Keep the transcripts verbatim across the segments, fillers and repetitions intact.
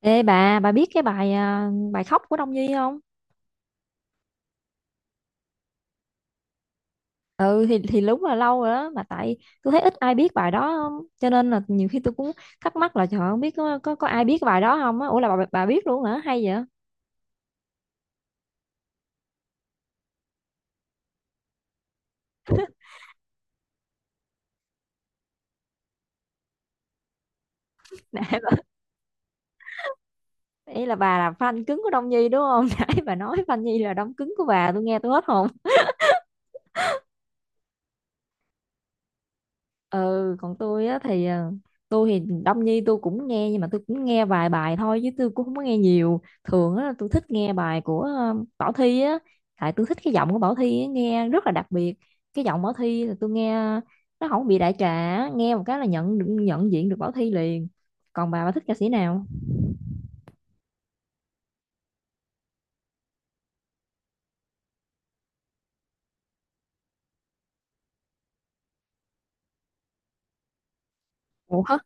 Ê bà, bà biết cái bài à, bài khóc của Đông Nhi không? Ừ thì thì đúng là lâu rồi đó mà tại tôi thấy ít ai biết bài đó không? Cho nên là nhiều khi tôi cũng thắc mắc là trời ơi, không biết có có có ai biết cái bài đó không á. Ủa là bà bà biết luôn hả? Hay vậy? Nãy bà, ý là bà là fan cứng của Đông Nhi đúng không? Nãy bà nói fan Nhi là đóng cứng của bà, tôi nghe tôi hết hồn. Ừ còn tôi á thì ờ, tôi thì Đông Nhi tôi cũng nghe nhưng mà tôi cũng nghe vài bài thôi chứ tôi cũng không có nghe nhiều thường á, tôi thích nghe bài của ờ, Bảo Thy á. Tại tôi thích cái giọng của Bảo Thy á, nghe rất là đặc biệt. Cái giọng Bảo Thy là tôi nghe nó không bị đại trà á, nghe một cái là nhận được- nhận diện được Bảo Thy liền. Còn bà bà thích ca sĩ nào? Ủa hả?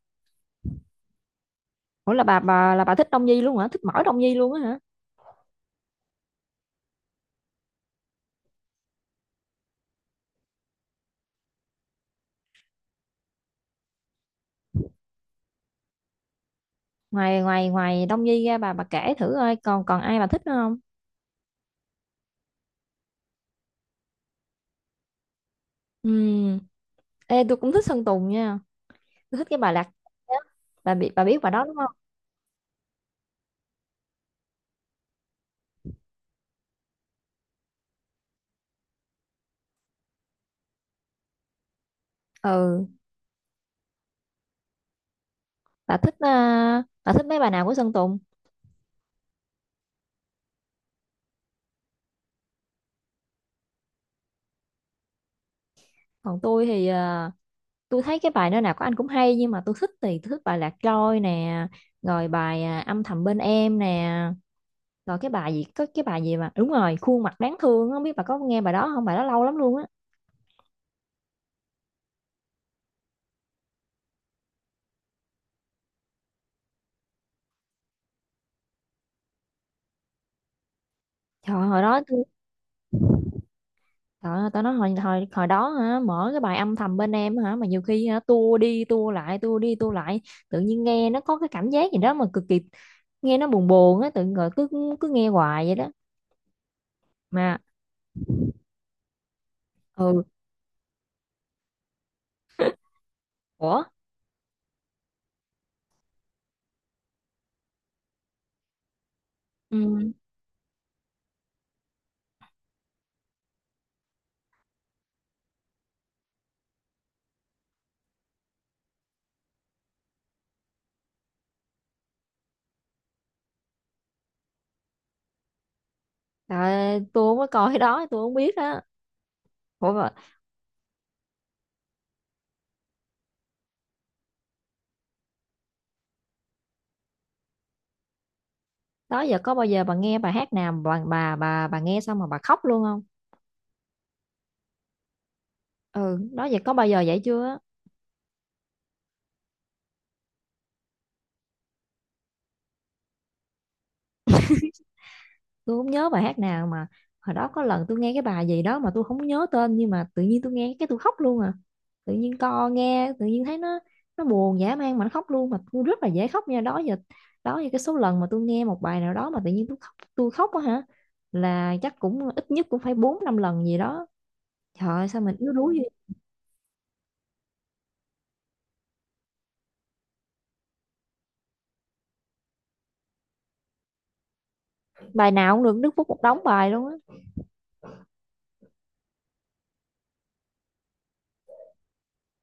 Ủa là bà bà là bà thích Đông Nhi luôn hả, thích mỗi Đông Nhi luôn á hả? Ngoài ngoài ngoài Đông Nhi ra, bà bà kể thử coi còn còn ai bà thích nữa không? Ừ. Ê, tôi cũng thích Sơn Tùng nha. Tôi thích cái bài Lạc Quê á. Bà bị bà biết bài đó đúng không? Ừ. Bà thích à, bà thích mấy bài nào của Sơn Tùng? Còn tôi thì à, tôi thấy cái bài nơi nào của anh cũng hay nhưng mà tôi thích thì tôi thích bài Lạc Trôi nè, rồi bài à, âm thầm bên em nè, rồi cái bài gì có cái bài gì mà đúng rồi, khuôn mặt đáng thương á, không biết bà có nghe bài đó không, bài đó lâu lắm luôn á. Trời ơi, hồi đó tôi... Trời ơi, tao nói hồi, hồi hồi đó hả, mở cái bài âm thầm bên em hả, mà nhiều khi hả tua đi tua lại tua đi tua lại, tự nhiên nghe nó có cái cảm giác gì đó mà cực kỳ, nghe nó buồn buồn á, tự nhiên rồi cứ cứ nghe hoài vậy đó. Mà ừ. Ủa. Ừ. À, tôi không có coi cái đó, tôi không biết đó. Ủa mà, đó giờ có bao giờ bà nghe bài hát nào mà bà bà bà bà nghe xong mà bà khóc luôn không? Ừ. Đó giờ có bao giờ vậy chưa? Tôi không nhớ bài hát nào mà hồi đó có lần tôi nghe cái bài gì đó mà tôi không nhớ tên, nhưng mà tự nhiên tôi nghe cái tôi khóc luôn à, tự nhiên co nghe tự nhiên thấy nó nó buồn dã man mà nó khóc luôn, mà tôi rất là dễ khóc nha đó giờ. Đó giờ cái số lần mà tôi nghe một bài nào đó mà tự nhiên tôi khóc tôi khóc á hả, là chắc cũng ít nhất cũng phải bốn năm lần gì đó. Trời ơi, sao mình yếu đuối vậy. Bài nào cũng được, Đức Phúc một đống bài luôn á.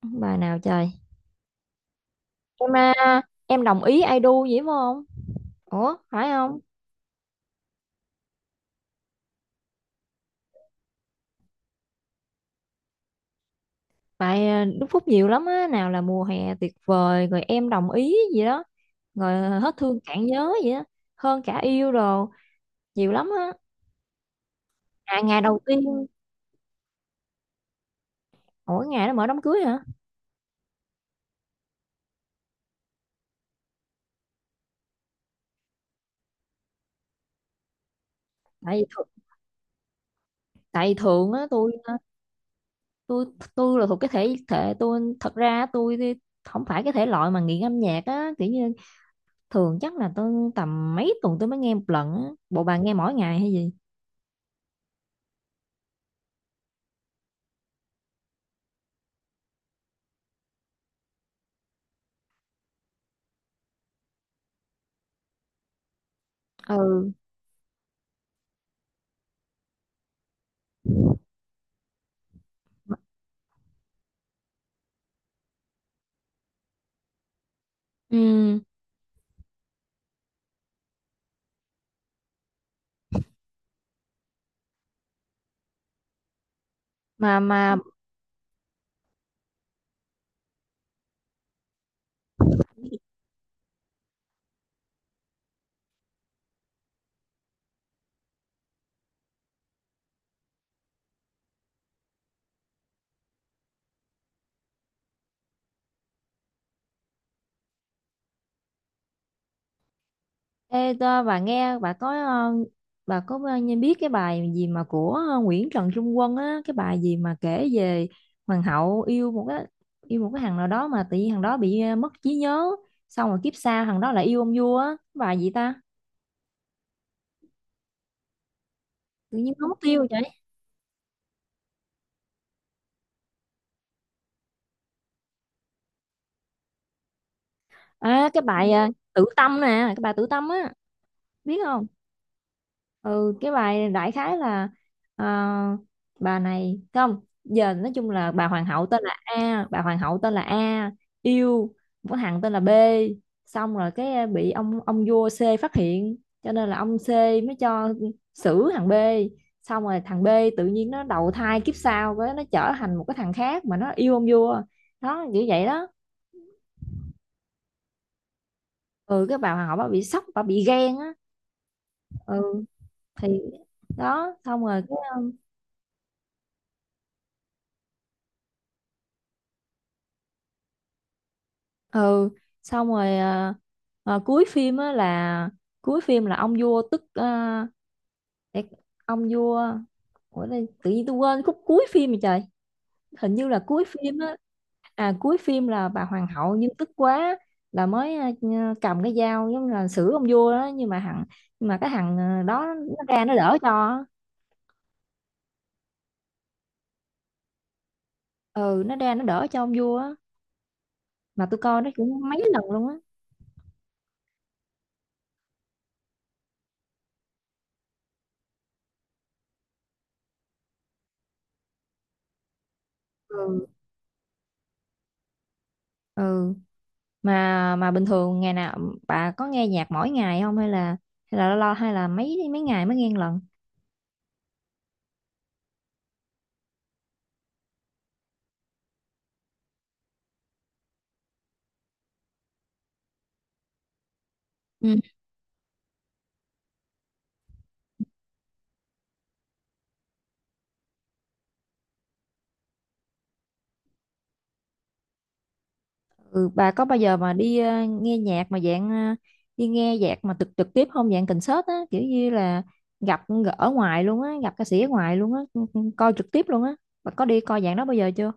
Bài nào trời? Em à, em đồng ý I do vậy phải không? Ủa phải không? Tại à, Đức Phúc nhiều lắm á, nào là mùa hè tuyệt vời, rồi em đồng ý gì đó, rồi à, hết thương cạn nhớ gì đó, hơn cả yêu đồ, nhiều lắm á. À ngày đầu tiên, mỗi ngày nó mở đám cưới hả? Tại vì thường, Tại vì thường á, tôi ờ, tôi tôi là thuộc cái thể thể tôi, thật ra tôi thì không phải cái thể loại mà nghiện âm nhạc á, kiểu như thường chắc là tôi tầm mấy tuần tôi mới nghe một lần á. Bộ bà nghe mỗi ngày hay gì? Ừ. Ừ. Mà mà Ê, tơ, bà nghe bà có ờ, bà có bao nhiêu biết cái bài gì mà của ờ, Nguyễn Trần Trung Quân á, cái bài gì mà kể về hoàng hậu yêu một cái, yêu một cái thằng nào đó mà tự nhiên thằng đó bị ờ, mất trí nhớ, xong rồi kiếp sau thằng đó lại yêu ông vua á, cái bài gì ta? Tự nhiên nó mất tiêu vậy. À cái bài ờ, Tử Tâm nè, cái bài Tử Tâm á, biết không? Ừ cái bài đại khái là ờ, bà này không giờ nói chung là, bà hoàng hậu tên là A bà hoàng hậu tên là A yêu một cái thằng tên là B, xong rồi cái ờ, bị ông ông vua C phát hiện, cho nên là ông C mới cho xử thằng B, xong rồi thằng B tự nhiên nó đầu thai kiếp sau với nó trở thành một cái thằng khác mà nó yêu ông vua đó, kiểu vậy đó. Ừ cái bà hoàng hậu bà bị sốc, bà bị ghen á. Ừ thì đó xong rồi. Ừ xong rồi à, à, cuối phim á là, cuối phim là ông vua tức à, để, ông vua, ủa đây, tự nhiên tôi quên khúc cuối phim rồi trời. Hình như là cuối phim á, à cuối phim là bà hoàng hậu nhưng tức quá, là mới à, cầm cái dao giống như là xử ông vua đó, nhưng mà thằng, nhưng mà cái thằng à, đó nó ra nó đỡ cho. Ừ nó ra nó đỡ cho ông vua á, mà tôi coi nó cũng mấy lần luôn á. Ừ. Ừ. mà mà bình thường ngày nào bà có nghe nhạc mỗi ngày không, hay là, hay là lo, hay là mấy mấy ngày mới nghe một lần? Ừ. Ừ, bà có bao giờ mà đi ờ, nghe nhạc mà dạng ờ, đi nghe nhạc mà trực trực tiếp không, dạng concert á, kiểu như là gặp ở ngoài luôn á, gặp ca sĩ ở ngoài luôn á, ừ, ừ, coi trực tiếp luôn á, bà có đi coi dạng đó bao giờ chưa?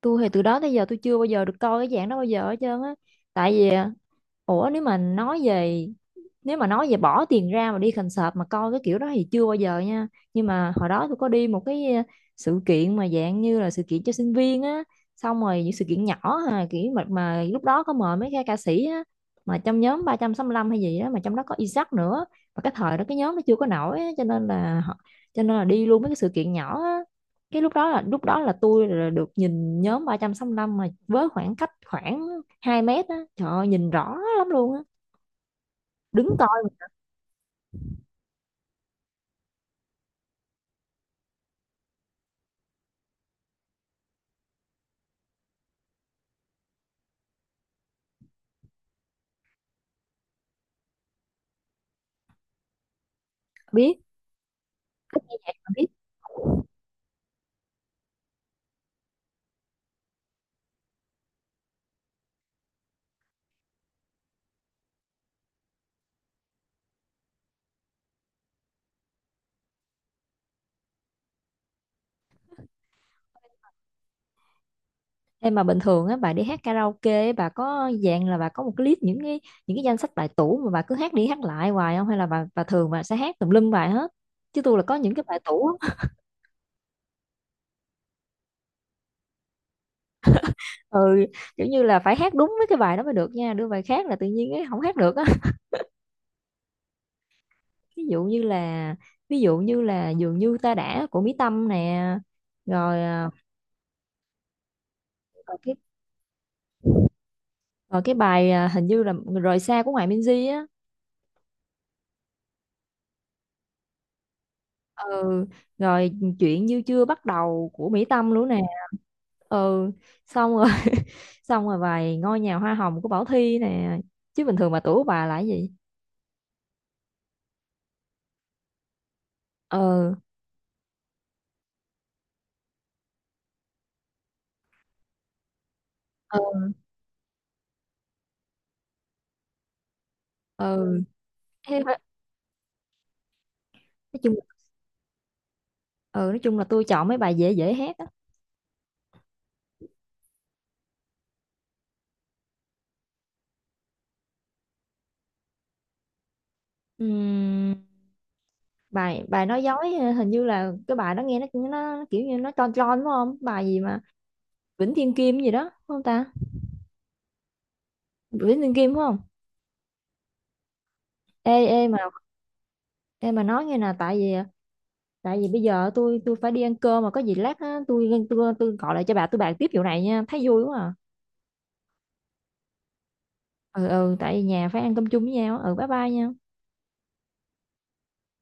Tôi thì từ đó tới giờ tôi chưa bao giờ được coi cái dạng đó bao giờ hết trơn á, tại vì ờ, ủa nếu mà nói về, nếu mà nói về bỏ tiền ra mà đi concert mà coi cái kiểu đó thì chưa bao giờ nha. Nhưng mà hồi đó tôi có đi một cái ờ, sự kiện mà dạng như là sự kiện cho sinh viên á, xong rồi những sự kiện nhỏ ha, kiểu mà, mà lúc đó có mời mấy cái ca sĩ á, mà trong nhóm ba trăm sáu mươi lăm hay gì đó, mà trong đó có Isaac nữa, mà cái thời đó cái nhóm nó chưa có nổi á, cho nên là họ-, cho nên là đi luôn mấy cái sự kiện nhỏ á. Cái lúc đó là lúc đó là tôi là được nhìn nhóm ba trăm sáu mươi lăm mà với khoảng cách khoảng hai mét á, trời ơi, nhìn rõ lắm luôn á, đứng coi mà biết thích nghe nhạc bà biết. Em mà bình thường á bà đi hát karaoke á, bà có dạng là bà có một cái list những cái, những cái danh sách bài tủ mà bà cứ hát đi hát lại hoài không, hay là bà bà thường bà sẽ hát tùm lum bài hết, chứ tôi là có những cái bài tủ á. Ừ, kiểu như là phải hát đúng với cái bài đó mới được nha, đưa bài khác là tự nhiên ấy, không hát được á. ví dụ như là Ví dụ như là dường như ta đã của Mỹ Tâm nè, rồi à, rồi cái rồi cái bài à, hình như là rời xa của Hoài Minzy á. Ừ rồi chuyện như chưa bắt đầu của Mỹ Tâm luôn nè. Ừ xong rồi xong rồi vài ngôi nhà hoa hồng của Bảo Thy nè. Chứ bình thường mà tuổi của bà là cái gì? Ừ. Ừ. Ừ. Thế phải- nói chung, ừ nói chung là tôi chọn mấy bài dễ dễ hát á. Ừm, bài bài nói dối ờ, hình như là cái bài đó nghe nó nó kiểu như nó tròn tròn đúng không, bài gì mà Vĩnh Thiên Kim gì đó đúng không ta, Vĩnh Thiên Kim đúng không? Ê ê mà em mà nói nghe nè, tại vì tại vì bây giờ tôi tôi phải đi ăn cơm mà có gì lát á, tôi tôi tôi gọi lại cho bà, tôi bàn tiếp vụ này nha, thấy vui quá à. Ừ ừ tại vì nhà phải ăn cơm chung với nhau á. Ừ bye bye nha.